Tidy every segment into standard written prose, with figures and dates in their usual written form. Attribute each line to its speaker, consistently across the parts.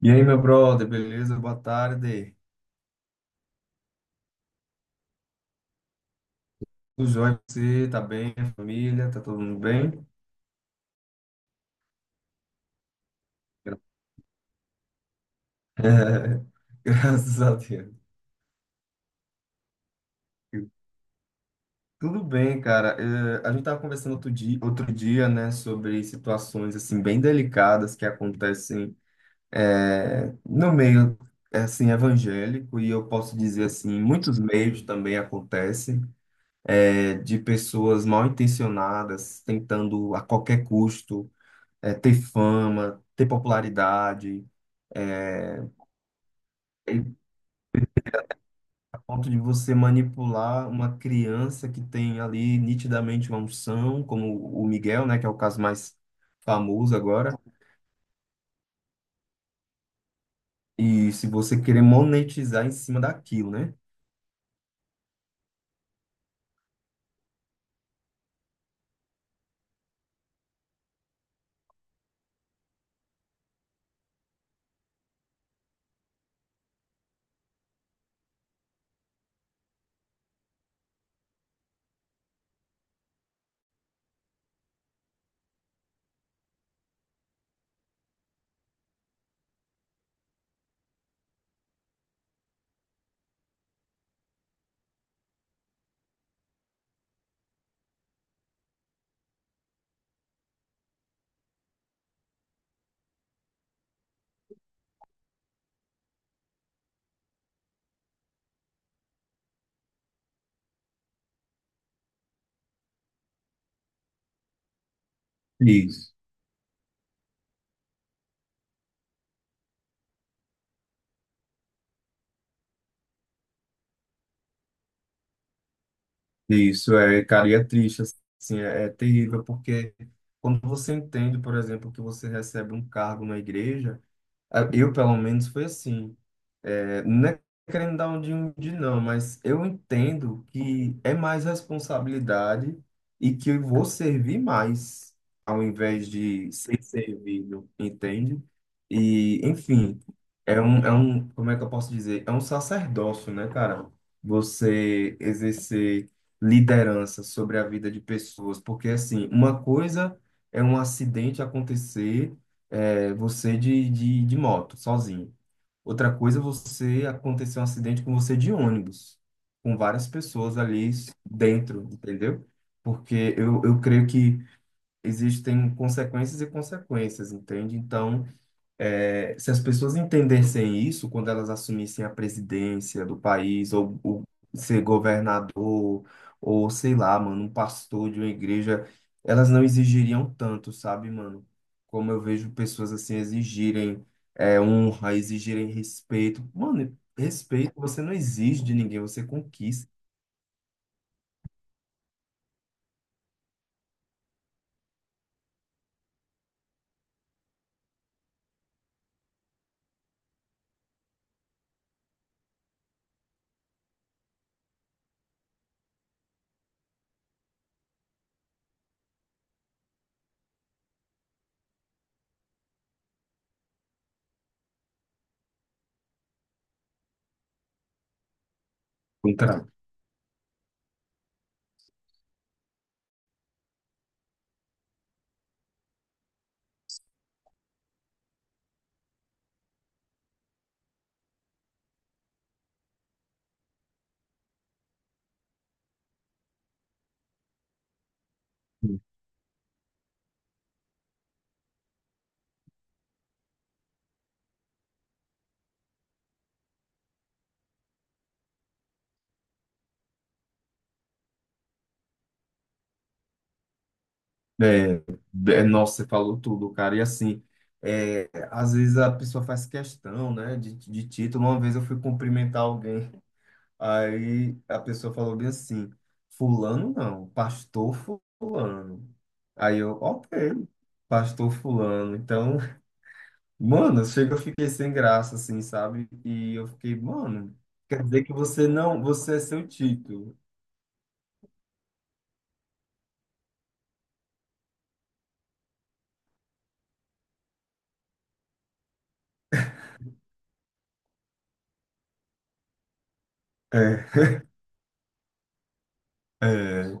Speaker 1: E aí, meu brother, beleza? Boa tarde. Tudo jóia você? Tá bem? A família? Tá todo mundo bem? Gra- É, graças a Deus. Tudo bem, cara. A gente tava conversando outro dia, né, sobre situações, assim, bem delicadas que acontecem no meio, assim, evangélico, e eu posso dizer, assim, em muitos meios também acontecem, de pessoas mal intencionadas tentando a qualquer custo ter fama, ter popularidade, é, e a ponto de você manipular uma criança que tem ali nitidamente uma unção, como o Miguel, né, que é o caso mais famoso agora, e se você querer monetizar em cima daquilo, né? Isso. Isso é, cara, e é triste, assim, é, é terrível, porque quando você entende, por exemplo, que você recebe um cargo na igreja, eu, pelo menos, foi assim. É, não é querendo dar um de não, mas eu entendo que é mais responsabilidade e que eu vou servir mais ao invés de ser servido, entende? E, enfim, é um, como é que eu posso dizer? É um sacerdócio, né, cara? Você exercer liderança sobre a vida de pessoas, porque, assim, uma coisa é um acidente acontecer, é, você de moto, sozinho. Outra coisa, é você acontecer um acidente com você de ônibus, com várias pessoas ali dentro, entendeu? Porque eu creio que existem consequências e consequências, entende? Então, é, se as pessoas entendessem isso, quando elas assumissem a presidência do país, ou ser governador, ou sei lá, mano, um pastor de uma igreja, elas não exigiriam tanto, sabe, mano? Como eu vejo pessoas assim exigirem honra, exigirem respeito. Mano, respeito você não exige de ninguém, você conquista. Contra. É, nossa, você falou tudo, cara. E assim, é, às vezes a pessoa faz questão, né, de título. Uma vez eu fui cumprimentar alguém, aí a pessoa falou bem assim: Fulano não, Pastor Fulano. Aí eu, ok, Pastor Fulano. Então, mano, chega, eu fiquei sem graça, assim, sabe? E eu fiquei, mano, quer dizer que você não, você é seu título. É, é,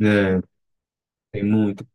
Speaker 1: é, tem muito.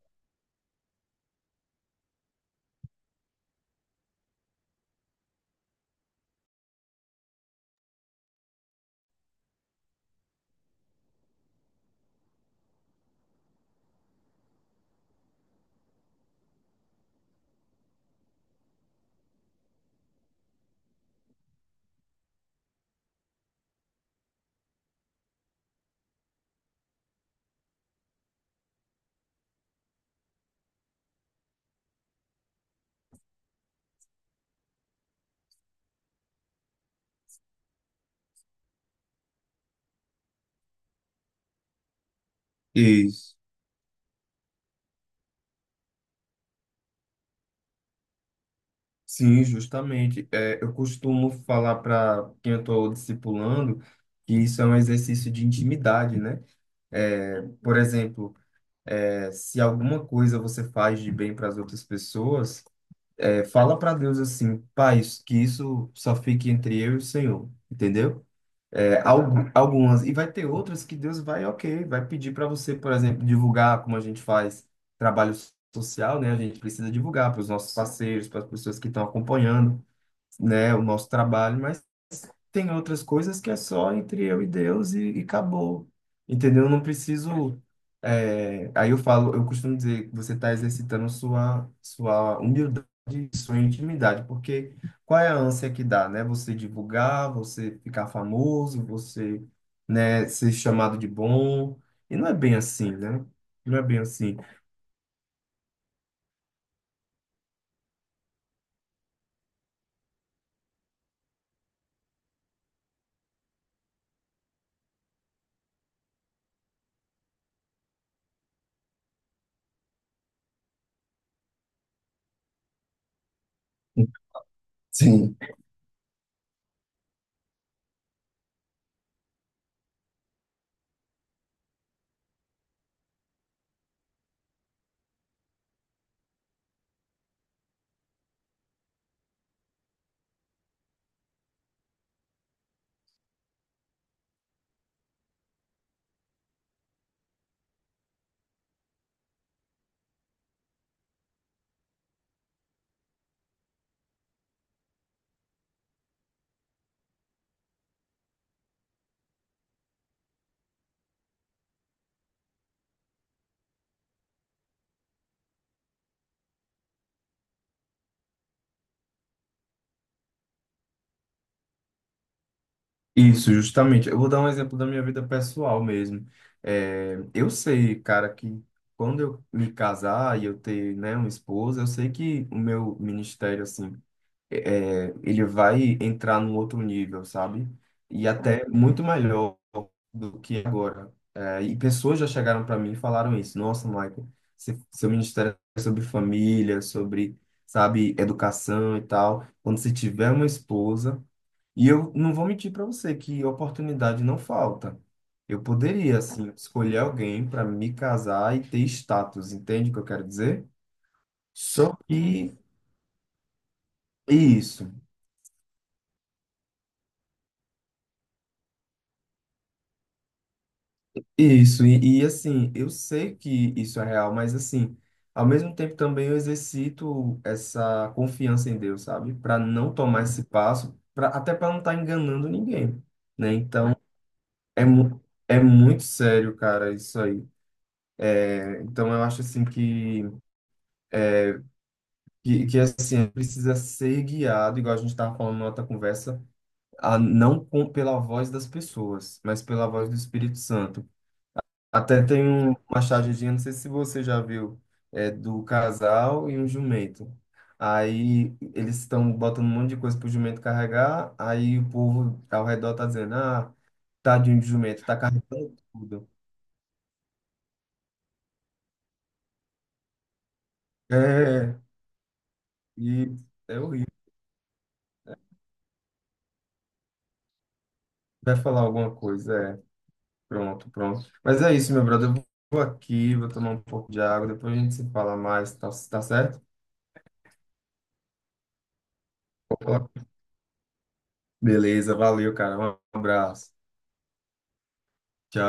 Speaker 1: Isso. Sim, justamente. É, eu costumo falar para quem eu estou discipulando que isso é um exercício de intimidade, né? É, por exemplo, é, se alguma coisa você faz de bem para as outras pessoas, é, fala para Deus assim, Pai, que isso só fique entre eu e o Senhor, entendeu? É, algumas. E vai ter outras que Deus vai, ok, vai pedir para você, por exemplo, divulgar como a gente faz trabalho social, né? A gente precisa divulgar para os nossos parceiros, para as pessoas que estão acompanhando né, o nosso trabalho, mas tem outras coisas que é só entre eu e Deus e acabou. Entendeu? Eu não preciso. É, aí eu falo, eu costumo dizer que você está exercitando sua humildade, sua intimidade, porque qual é a ânsia que dá, né? Você divulgar, você ficar famoso, você, né, ser chamado de bom. E não é bem assim, né? Não é bem assim. Sim, Isso, justamente. Eu vou dar um exemplo da minha vida pessoal mesmo. É, eu sei, cara, que quando eu me casar e eu ter, né, uma esposa, eu sei que o meu ministério, assim, ele vai entrar num outro nível, sabe? E até muito melhor do que agora. É, e pessoas já chegaram para mim e falaram isso. Nossa, Michael, seu ministério é sobre família, sobre, sabe, educação e tal. Quando você tiver uma esposa e eu não vou mentir para você que oportunidade não falta. Eu poderia, assim, escolher alguém para me casar e ter status, entende o que eu quero dizer? Só que isso, isso, e assim, eu sei que isso é real, mas assim, ao mesmo tempo também eu exercito essa confiança em Deus, sabe? Para não tomar esse passo, pra, até para não estar enganando ninguém, né? Então, é, mu- é muito sério, cara, isso aí. É, Então, eu acho assim que assim, precisa ser guiado, igual a gente estava falando na outra conversa, a, não com, pela voz das pessoas, mas pela voz do Espírito Santo. Até tem um, uma chargezinha, não sei se você já viu, é do casal e um jumento. Aí eles estão botando um monte de coisa pro jumento carregar, aí o povo ao redor tá dizendo, ah, tadinho do jumento, tá carregando tudo. É, e é horrível. Vai falar alguma coisa, é. Pronto, pronto. Mas é isso, meu brother. Eu vou aqui, vou tomar um pouco de água, depois a gente se fala mais, tá, tá certo? Opa. Beleza, valeu, cara. Um abraço. Tchau.